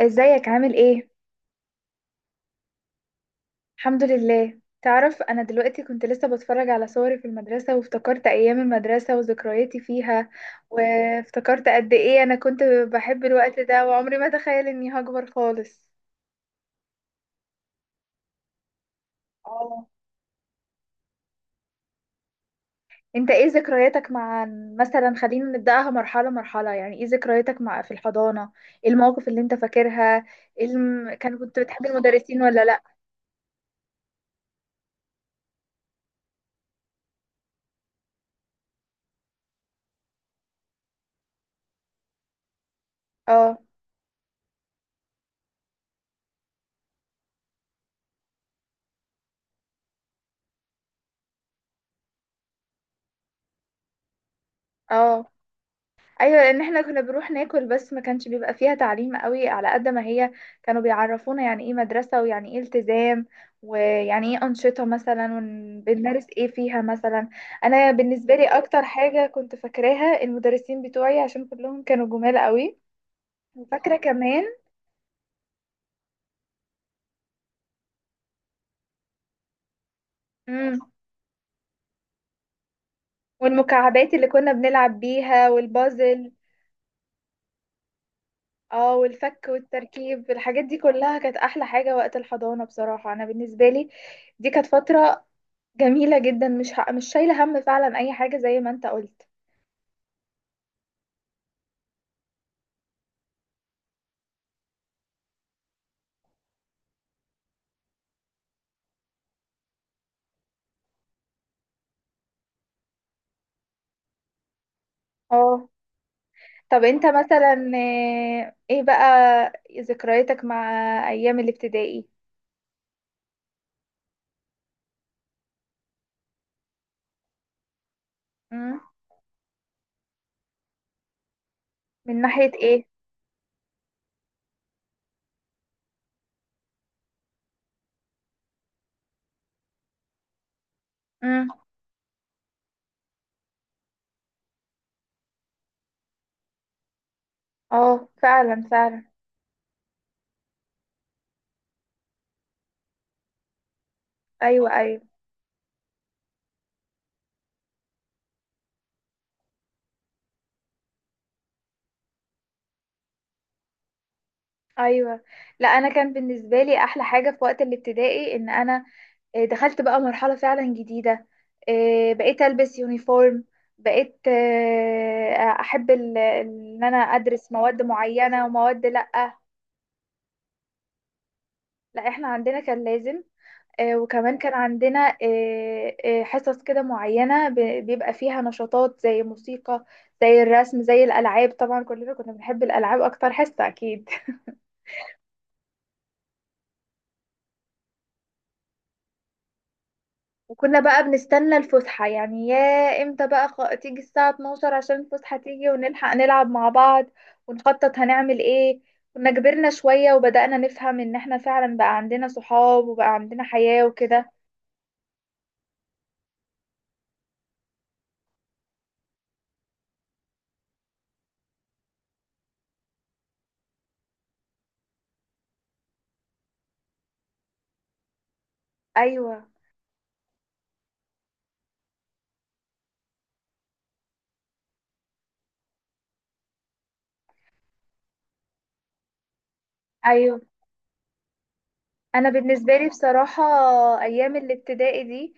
ازيك عامل ايه؟ الحمد لله. تعرف، انا دلوقتي كنت لسه بتفرج على صوري في المدرسة وافتكرت ايام المدرسة وذكرياتي فيها. وافتكرت قد ايه انا كنت بحب الوقت ده، وعمري ما اتخيل اني هكبر خالص. اه. انت ايه ذكرياتك مع، مثلا خلينا نبدأها مرحلة مرحلة، يعني ايه ذكرياتك مع في الحضانة؟ ايه المواقف اللي انت فاكرها؟ إيه الم... كان كنت بتحب المدرسين ولا لا؟ اه. اه. ايوه، لان احنا كنا بنروح ناكل بس ما كانش بيبقى فيها تعليم قوي على قد ما هي كانوا بيعرفونا يعني ايه مدرسة ويعني ايه التزام ويعني ايه أنشطة مثلا وبنمارس ايه فيها مثلا. انا بالنسبة لي اكتر حاجة كنت فاكراها المدرسين بتوعي عشان كلهم كانوا جمال قوي. وفاكرة كمان. امم. والمكعبات اللي كنا بنلعب بيها والبازل. اه، والفك والتركيب الحاجات دي كلها كانت احلى حاجة وقت الحضانة، بصراحة انا بالنسبة لي دي كانت فترة جميلة جدا، مش شايلة هم فعلا اي حاجة زي ما انت قلت. اه. طب انت مثلا، ايه بقى ذكرياتك مع ايام الابتدائي؟ مم؟ من ناحية ايه؟ مم؟ اه، فعلا فعلا. ايوه، ايوه، ايوه. لا، انا كان بالنسبه لي احلى حاجه في وقت الابتدائي ان انا دخلت بقى مرحله فعلا جديده. بقيت البس يونيفورم. بقيت، احب ان انا ادرس مواد معينه ومواد لا. لا، احنا عندنا كان لازم. وكمان كان عندنا حصص كده معينه، بيبقى فيها نشاطات زي موسيقى، زي الرسم، زي الالعاب. طبعا كلنا كنا بنحب الالعاب اكتر حصه، اكيد. وكنا بقى بنستنى الفسحة، يعني يا امتى بقى، تيجي الساعة 12 عشان الفسحة تيجي ونلحق نلعب مع بعض. ونخطط هنعمل ايه. كنا كبرنا شوية وبدأنا نفهم ان احنا فعلا بقى عندنا صحاب وبقى عندنا حياة وكده. ايوه، ايوه. انا بالنسبه لي بصراحه، ايام الابتدائي دي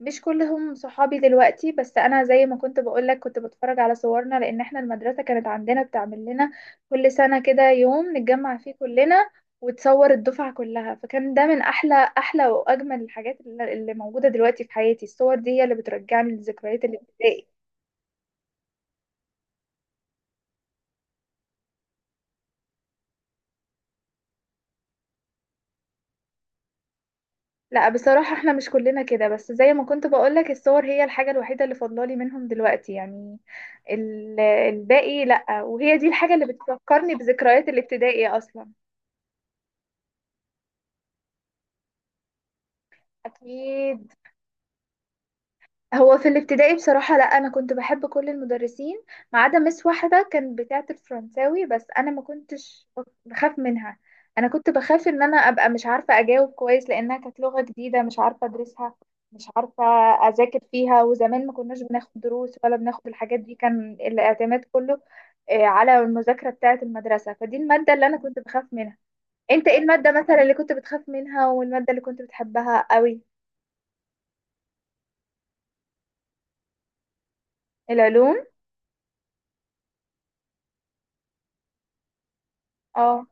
مش كلهم صحابي دلوقتي، بس انا زي ما كنت بقولك كنت بتفرج على صورنا لان احنا المدرسه كانت عندنا بتعمل لنا كل سنه كده يوم نتجمع فيه كلنا وتصور الدفعه كلها، فكان ده من احلى احلى واجمل الحاجات اللي موجوده دلوقتي في حياتي. الصور دي هي اللي بترجعني لذكريات الابتدائي. لا، بصراحة احنا مش كلنا كده، بس زي ما كنت بقولك الصور هي الحاجة الوحيدة اللي فاضلالي منهم دلوقتي يعني. الباقي لا، وهي دي الحاجة اللي بتفكرني بذكريات الابتدائي اصلا. اكيد. هو في الابتدائي بصراحة، لا، أنا كنت بحب كل المدرسين ما عدا مس واحدة كانت بتاعة الفرنساوي، بس أنا ما كنتش بخاف منها. أنا كنت بخاف إن أنا أبقى مش عارفة أجاوب كويس لأنها كانت لغة جديدة مش عارفة أدرسها، مش عارفة أذاكر فيها، وزمان ما كناش بناخد دروس ولا بناخد الحاجات دي، كان الاعتماد كله على المذاكرة بتاعة المدرسة، فدي المادة اللي أنا كنت بخاف منها. أنت إيه المادة مثلا اللي كنت بتخاف منها والمادة اللي كنت بتحبها قوي؟ العلوم. اه.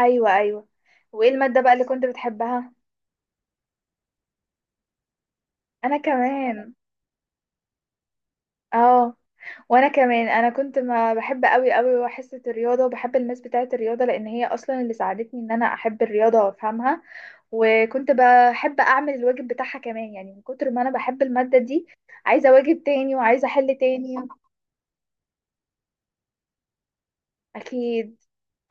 ايوه، ايوه. وايه الماده بقى اللي كنت بتحبها؟ انا كمان. اه. وانا كمان انا كنت ما بحب قوي قوي حصه الرياضه وبحب الماس بتاعه الرياضه لان هي اصلا اللي ساعدتني ان انا احب الرياضه وافهمها. وكنت بحب اعمل الواجب بتاعها كمان، يعني من كتر ما انا بحب الماده دي عايزه واجب تاني وعايزه احل تاني. اكيد.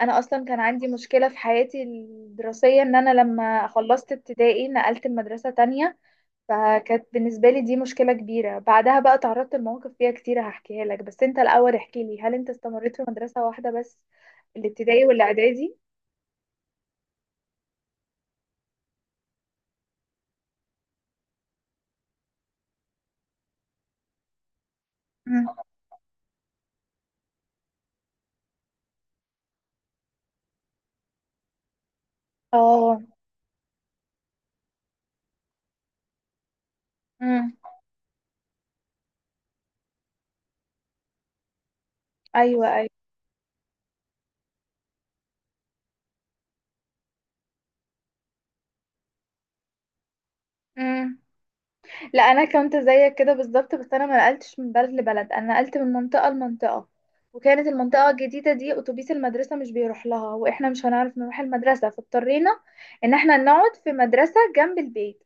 انا اصلا كان عندي مشكله في حياتي الدراسيه ان انا لما خلصت ابتدائي نقلت المدرسه تانية. فكانت بالنسبة لي دي مشكلة كبيرة، بعدها بقى تعرضت لمواقف فيها كتير هحكيها لك، بس انت الأول احكي لي هل انت استمريت في مدرسة واحدة بس الابتدائي والاعدادي؟ مم. اه. امم. ايوه، ايوه. امم. لا، انا كنت زيك كده بالظبط، بس انا ما نقلتش من بلد لبلد، انا نقلت من منطقة لمنطقة، وكانت المنطقة الجديدة دي أتوبيس المدرسة مش بيروح لها وإحنا مش هنعرف نروح المدرسة، فاضطرينا إن إحنا نقعد في مدرسة جنب البيت.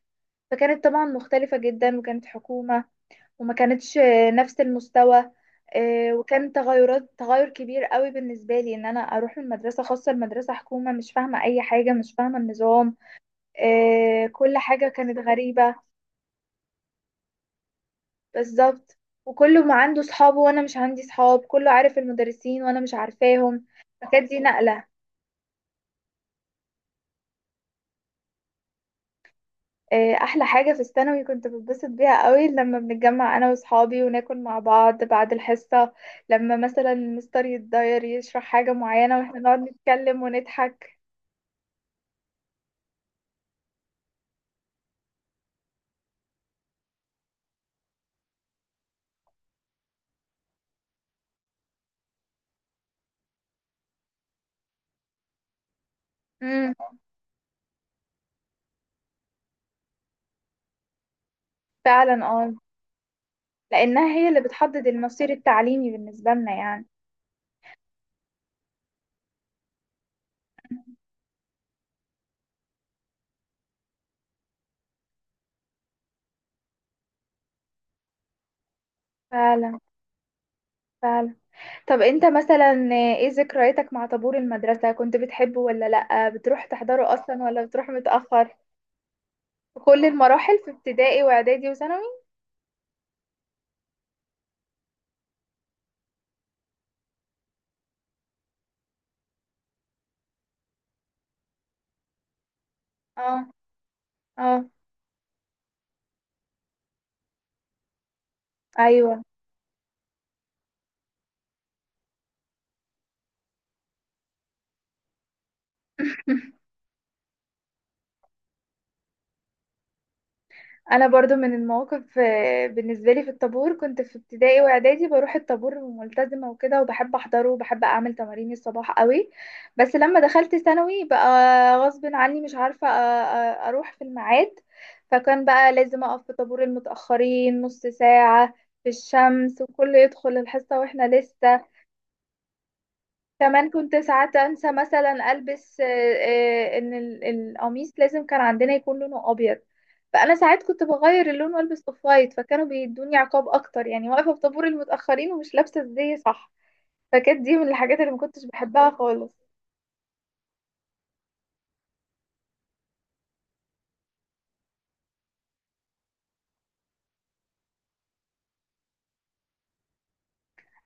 فكانت طبعا مختلفة جدا وكانت حكومة وما كانتش نفس المستوى. وكان تغير كبير قوي بالنسبة لي ان انا اروح من مدرسة خاصة لمدرسة حكومة، مش فاهمة اي حاجة، مش فاهمة النظام. كل حاجة كانت غريبة. بالظبط، وكله ما عنده صحابه وانا مش عندي صحاب، كله عارف المدرسين وانا مش عارفاهم، فكانت دي نقلة. احلى حاجة في الثانوي كنت بتبسط بيها قوي لما بنتجمع انا واصحابي وناكل مع بعض بعد الحصة، لما مثلا المستر يتضاير يشرح حاجة معينة واحنا نقعد نتكلم ونضحك. امم. فعلا. اه. لانها هي اللي بتحدد المصير التعليمي بالنسبه لنا يعني. فعلا، فعلا. طب انت مثلا ايه ذكرياتك مع طابور المدرسه، كنت بتحبه ولا لا، بتروح تحضره اصلا ولا بتروح متاخر؟ في كل المراحل في ابتدائي واعدادي وثانوي؟ اه. اه. ايوه. انا برضو من المواقف، بالنسبه لي في الطابور، كنت في ابتدائي واعدادي بروح الطابور ملتزمه وكده، وبحب احضره وبحب اعمل تمارين الصباح قوي. بس لما دخلت ثانوي بقى، غصب عني مش عارفه اروح في الميعاد. فكان بقى لازم اقف في طابور المتاخرين نص ساعه في الشمس وكله يدخل الحصه واحنا لسه. كمان كنت ساعات انسى مثلا البس، ان القميص لازم كان عندنا يكون لونه ابيض، فانا ساعات كنت بغير اللون والبس اوف وايت، فكانوا بيدوني عقاب اكتر يعني واقفه في طابور المتاخرين ومش لابسه ازاي صح. فكانت دي من الحاجات اللي ما كنتش بحبها خالص.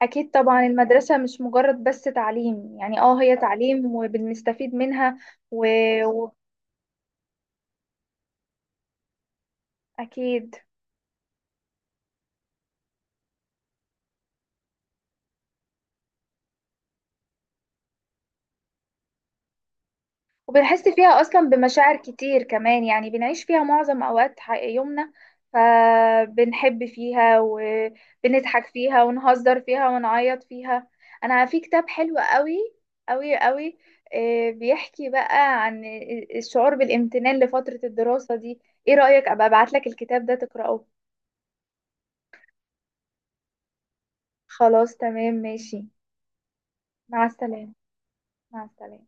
اكيد طبعا، المدرسه مش مجرد بس تعليم، يعني اه هي تعليم وبنستفيد منها. و... و... اكيد. وبنحس فيها أصلا بمشاعر كتير كمان، يعني بنعيش فيها معظم أوقات يومنا، فبنحب فيها وبنضحك فيها ونهزر فيها ونعيط فيها. أنا في كتاب حلو قوي قوي قوي، بيحكي بقى عن الشعور بالامتنان لفترة الدراسة دي. إيه رأيك أبقى أبعتلك الكتاب ده تقرأه؟ خلاص تمام ماشي. مع السلامة. مع السلامة.